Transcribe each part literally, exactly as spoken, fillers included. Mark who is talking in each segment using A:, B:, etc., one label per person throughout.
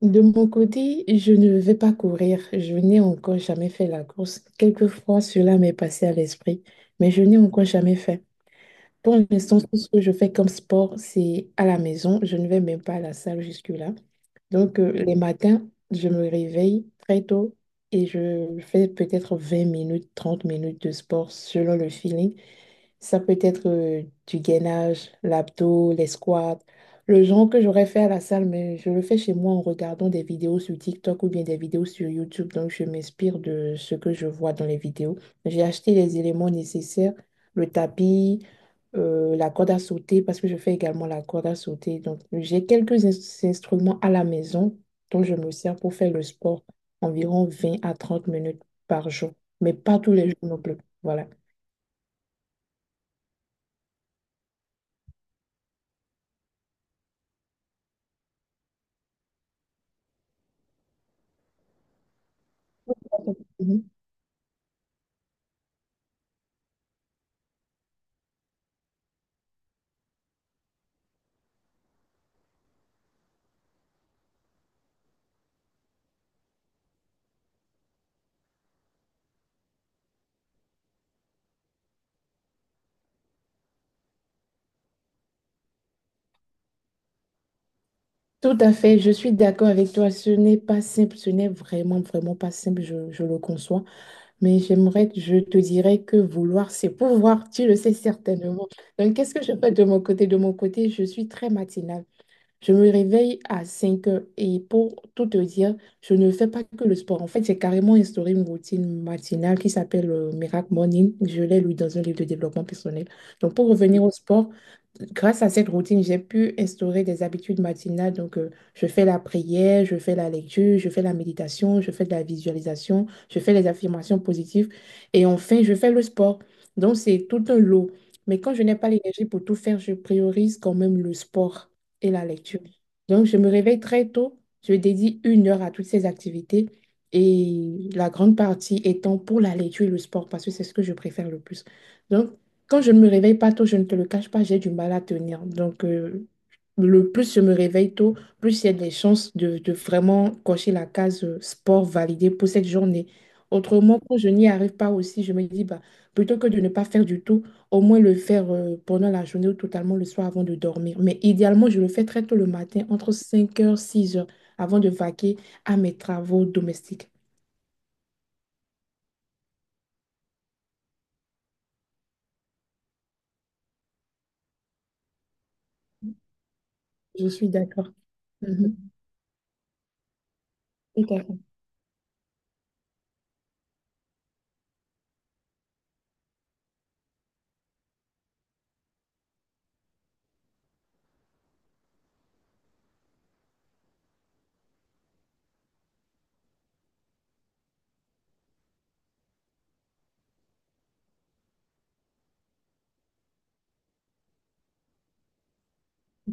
A: De mon côté, je ne vais pas courir. Je n'ai encore jamais fait la course. Quelquefois, cela m'est passé à l'esprit, mais je n'ai encore jamais fait. Pour l'instant, tout ce que je fais comme sport, c'est à la maison. Je ne vais même pas à la salle jusque-là. Donc, euh, les matins, je me réveille très tôt et je fais peut-être vingt minutes, trente minutes de sport selon le feeling. Ça peut être euh, du gainage, l'abdos, les squats, le genre que j'aurais fait à la salle, mais je le fais chez moi en regardant des vidéos sur TikTok ou bien des vidéos sur YouTube. Donc, je m'inspire de ce que je vois dans les vidéos. J'ai acheté les éléments nécessaires, le tapis, euh, la corde à sauter, parce que je fais également la corde à sauter. Donc, j'ai quelques ins- instruments à la maison dont je me sers pour faire le sport environ vingt à trente minutes par jour, mais pas tous les jours non plus. Voilà. Tout à fait, je suis d'accord avec toi. Ce n'est pas simple, ce n'est vraiment, vraiment pas simple, je, je le conçois. Mais j'aimerais, je te dirais que vouloir, c'est pouvoir, tu le sais certainement. Donc, qu'est-ce que je fais de mon côté? De mon côté, je suis très matinale. Je me réveille à cinq heures et pour tout te dire, je ne fais pas que le sport. En fait, j'ai carrément instauré une routine matinale qui s'appelle euh, Miracle Morning. Je l'ai lu dans un livre de développement personnel. Donc, pour revenir au sport, grâce à cette routine, j'ai pu instaurer des habitudes matinales. Donc, euh, je fais la prière, je fais la lecture, je fais la méditation, je fais de la visualisation, je fais les affirmations positives et enfin, je fais le sport. Donc, c'est tout un lot. Mais quand je n'ai pas l'énergie pour tout faire, je priorise quand même le sport et la lecture. Donc, je me réveille très tôt, je dédie une heure à toutes ces activités et la grande partie étant pour la lecture et le sport parce que c'est ce que je préfère le plus. Donc, quand je ne me réveille pas tôt, je ne te le cache pas, j'ai du mal à tenir. Donc, euh, le plus je me réveille tôt, plus il y a des chances de, de vraiment cocher la case euh, sport validée pour cette journée. Autrement, quand je n'y arrive pas aussi, je me dis, bah, plutôt que de ne pas faire du tout, au moins le faire euh, pendant la journée ou totalement le soir avant de dormir. Mais idéalement, je le fais très tôt le matin, entre cinq heures six heures, avant de vaquer à mes travaux domestiques. Je suis d'accord. Mhm. Tout à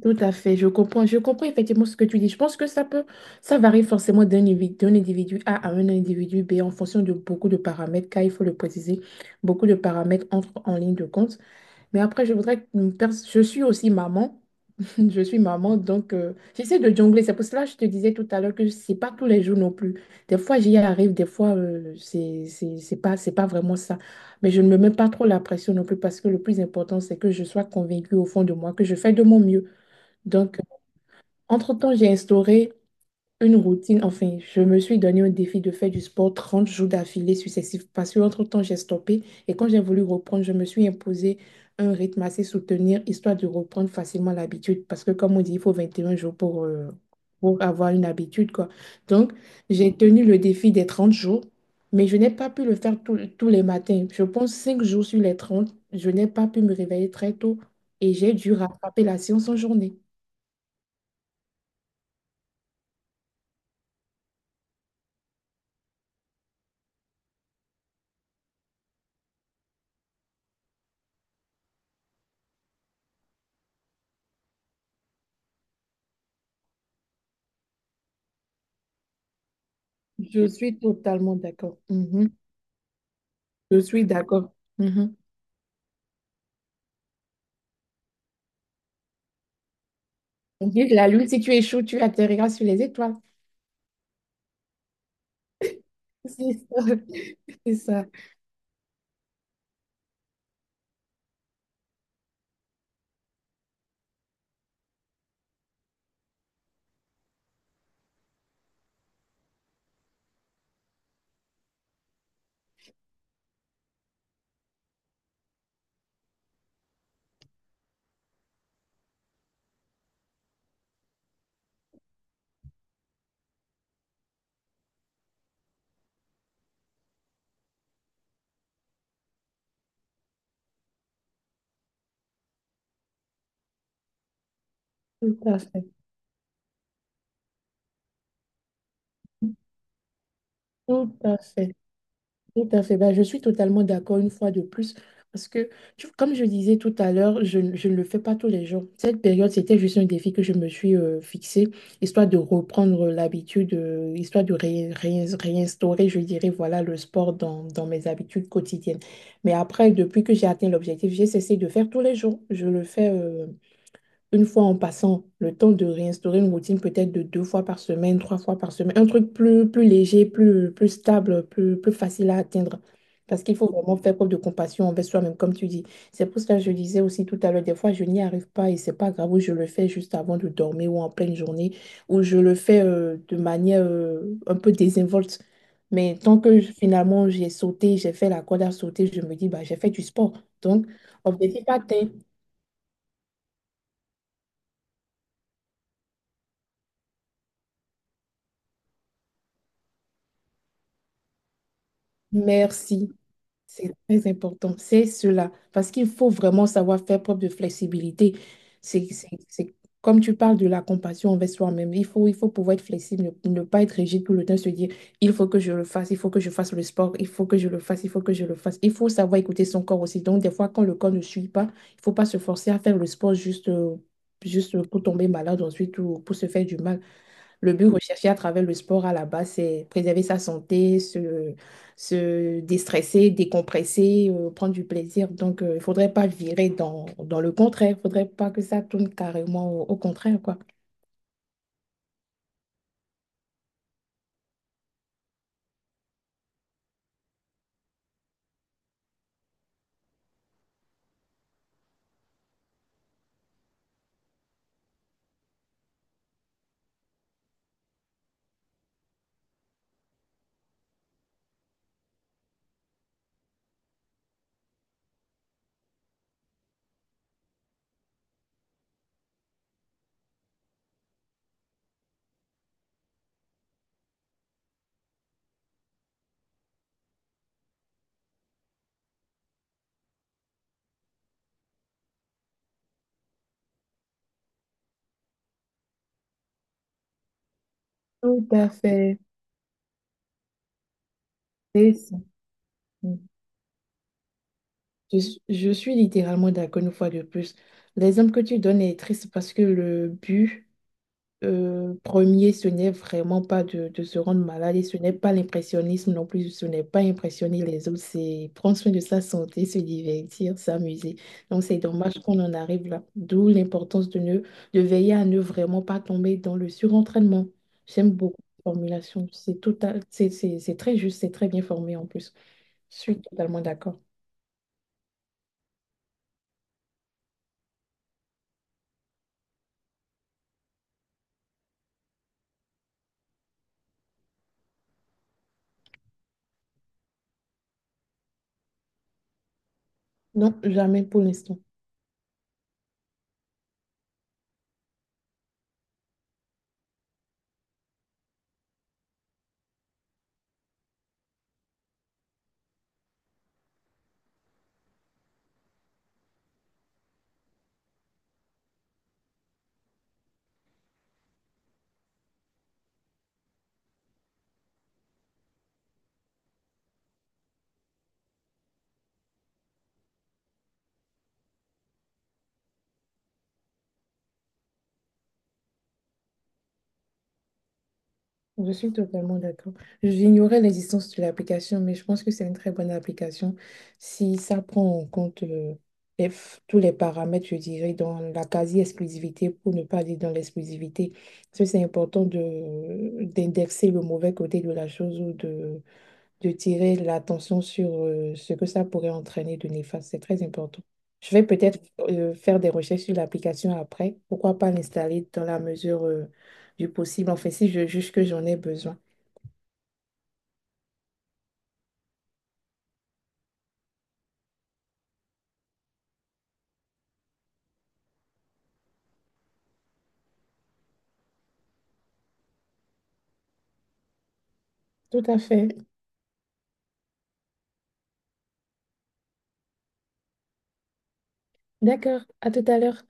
A: Tout à fait, je comprends, je comprends effectivement ce que tu dis. Je pense que ça peut, ça varie forcément d'un individu, d'un individu A à un individu B en fonction de beaucoup de paramètres, car il faut le préciser, beaucoup de paramètres entrent en ligne de compte. Mais après, je voudrais, que nous pers- je suis aussi maman, je suis maman, donc euh, j'essaie de jongler. C'est pour cela que je te disais tout à l'heure que c'est pas tous les jours non plus. Des fois, j'y arrive, des fois, euh, c'est, c'est c'est pas, c'est pas vraiment ça. Mais je ne me mets pas trop la pression non plus parce que le plus important, c'est que je sois convaincue au fond de moi que je fais de mon mieux. Donc, entre-temps, j'ai instauré une routine, enfin, je me suis donné un défi de faire du sport trente jours d'affilée successifs parce que entre-temps, j'ai stoppé et quand j'ai voulu reprendre, je me suis imposé un rythme assez soutenu histoire de reprendre facilement l'habitude parce que comme on dit, il faut vingt et un jours pour, euh, pour avoir une habitude, quoi. Donc, j'ai tenu le défi des trente jours, mais je n'ai pas pu le faire tous tous les matins. Je pense cinq jours sur les trente, je n'ai pas pu me réveiller très tôt et j'ai dû rattraper la séance en journée. Je suis totalement d'accord. Mhm. Je suis d'accord. Mhm. On dit que la lune, si tu échoues, tu atterriras sur les étoiles. C'est ça. C'est ça. Tout à fait. Tout à fait. Tout à fait. Ben, je suis totalement d'accord une fois de plus. Parce que, tu- comme je disais tout à l'heure, je, ne je ne le fais pas tous les jours. Cette période, c'était juste un défi que je me suis euh, fixé, histoire de reprendre l'habitude, euh, histoire de ré- ré- réinstaurer, je dirais, voilà, le sport dans, dans mes habitudes quotidiennes. Mais après, depuis que j'ai atteint l'objectif, j'ai cessé de faire tous les jours. Je le fais. Euh, une fois en passant, le temps de réinstaurer une routine peut-être de deux fois par semaine, trois fois par semaine, un truc plus, plus léger, plus, plus stable, plus, plus facile à atteindre. Parce qu'il faut vraiment faire preuve de compassion envers soi-même, comme tu dis. C'est pour ça que je disais aussi tout à l'heure, des fois, je n'y arrive pas et c'est pas grave, ou je le fais juste avant de dormir ou en pleine journée, ou je le fais euh, de manière euh, un peu désinvolte. Mais tant que je- finalement j'ai sauté, j'ai fait la corde à sauter, je me dis, bah, j'ai fait du sport. Donc, objectif atteint. Merci. C'est très important, c'est cela, parce qu'il faut vraiment savoir faire preuve de flexibilité. C'est, c'est, c'est- Comme tu parles de la compassion envers soi-même, il faut, il faut pouvoir être flexible, ne, ne pas être rigide tout le temps, se dire, il faut que je le fasse, il faut que je fasse le sport, il faut que je le fasse, il faut que je le fasse. Il faut savoir écouter son corps aussi. Donc, des fois, quand le corps ne suit pas, il ne faut pas se forcer à faire le sport juste, euh, juste pour tomber malade ensuite ou pour se faire du mal. Le but recherché à travers le sport à la base, c'est préserver sa santé, se, se déstresser, décompresser, euh, prendre du plaisir. Donc, euh, il ne faudrait pas virer dans, dans le contraire. Il ne faudrait pas que ça tourne carrément au, au contraire, quoi. Tout à fait. C'est ça. Je, suis je suis littéralement d'accord une fois de plus. L'exemple que tu donnes est triste parce que le but Euh, premier, ce n'est vraiment pas de, de se rendre malade et ce n'est pas l'impressionnisme non plus, ce n'est pas impressionner les autres, c'est prendre soin de sa santé, se divertir, s'amuser. Donc c'est dommage qu'on en arrive là, d'où l'importance de ne, de veiller à ne vraiment pas tomber dans le surentraînement. J'aime beaucoup la formulation, c'est total, c'est c'est- c'est très juste, c'est très bien formé en plus. Je suis totalement d'accord. Non, jamais pour l'instant. Je suis totalement d'accord. J'ignorais l'existence de l'application, mais je pense que c'est une très bonne application si ça prend en compte euh, les f- tous les paramètres, je dirais, dans la quasi-exclusivité, pour ne pas dire dans l'exclusivité. Parce que c'est important de d'indexer le mauvais côté de la chose ou de de tirer l'attention sur euh, ce que ça pourrait entraîner de néfaste. C'est très important. Je vais peut-être euh, faire des recherches sur l'application après. Pourquoi pas l'installer dans la mesure euh, du possible, en fait, si je juge que j'en ai besoin. Tout à fait. D'accord. À tout à l'heure.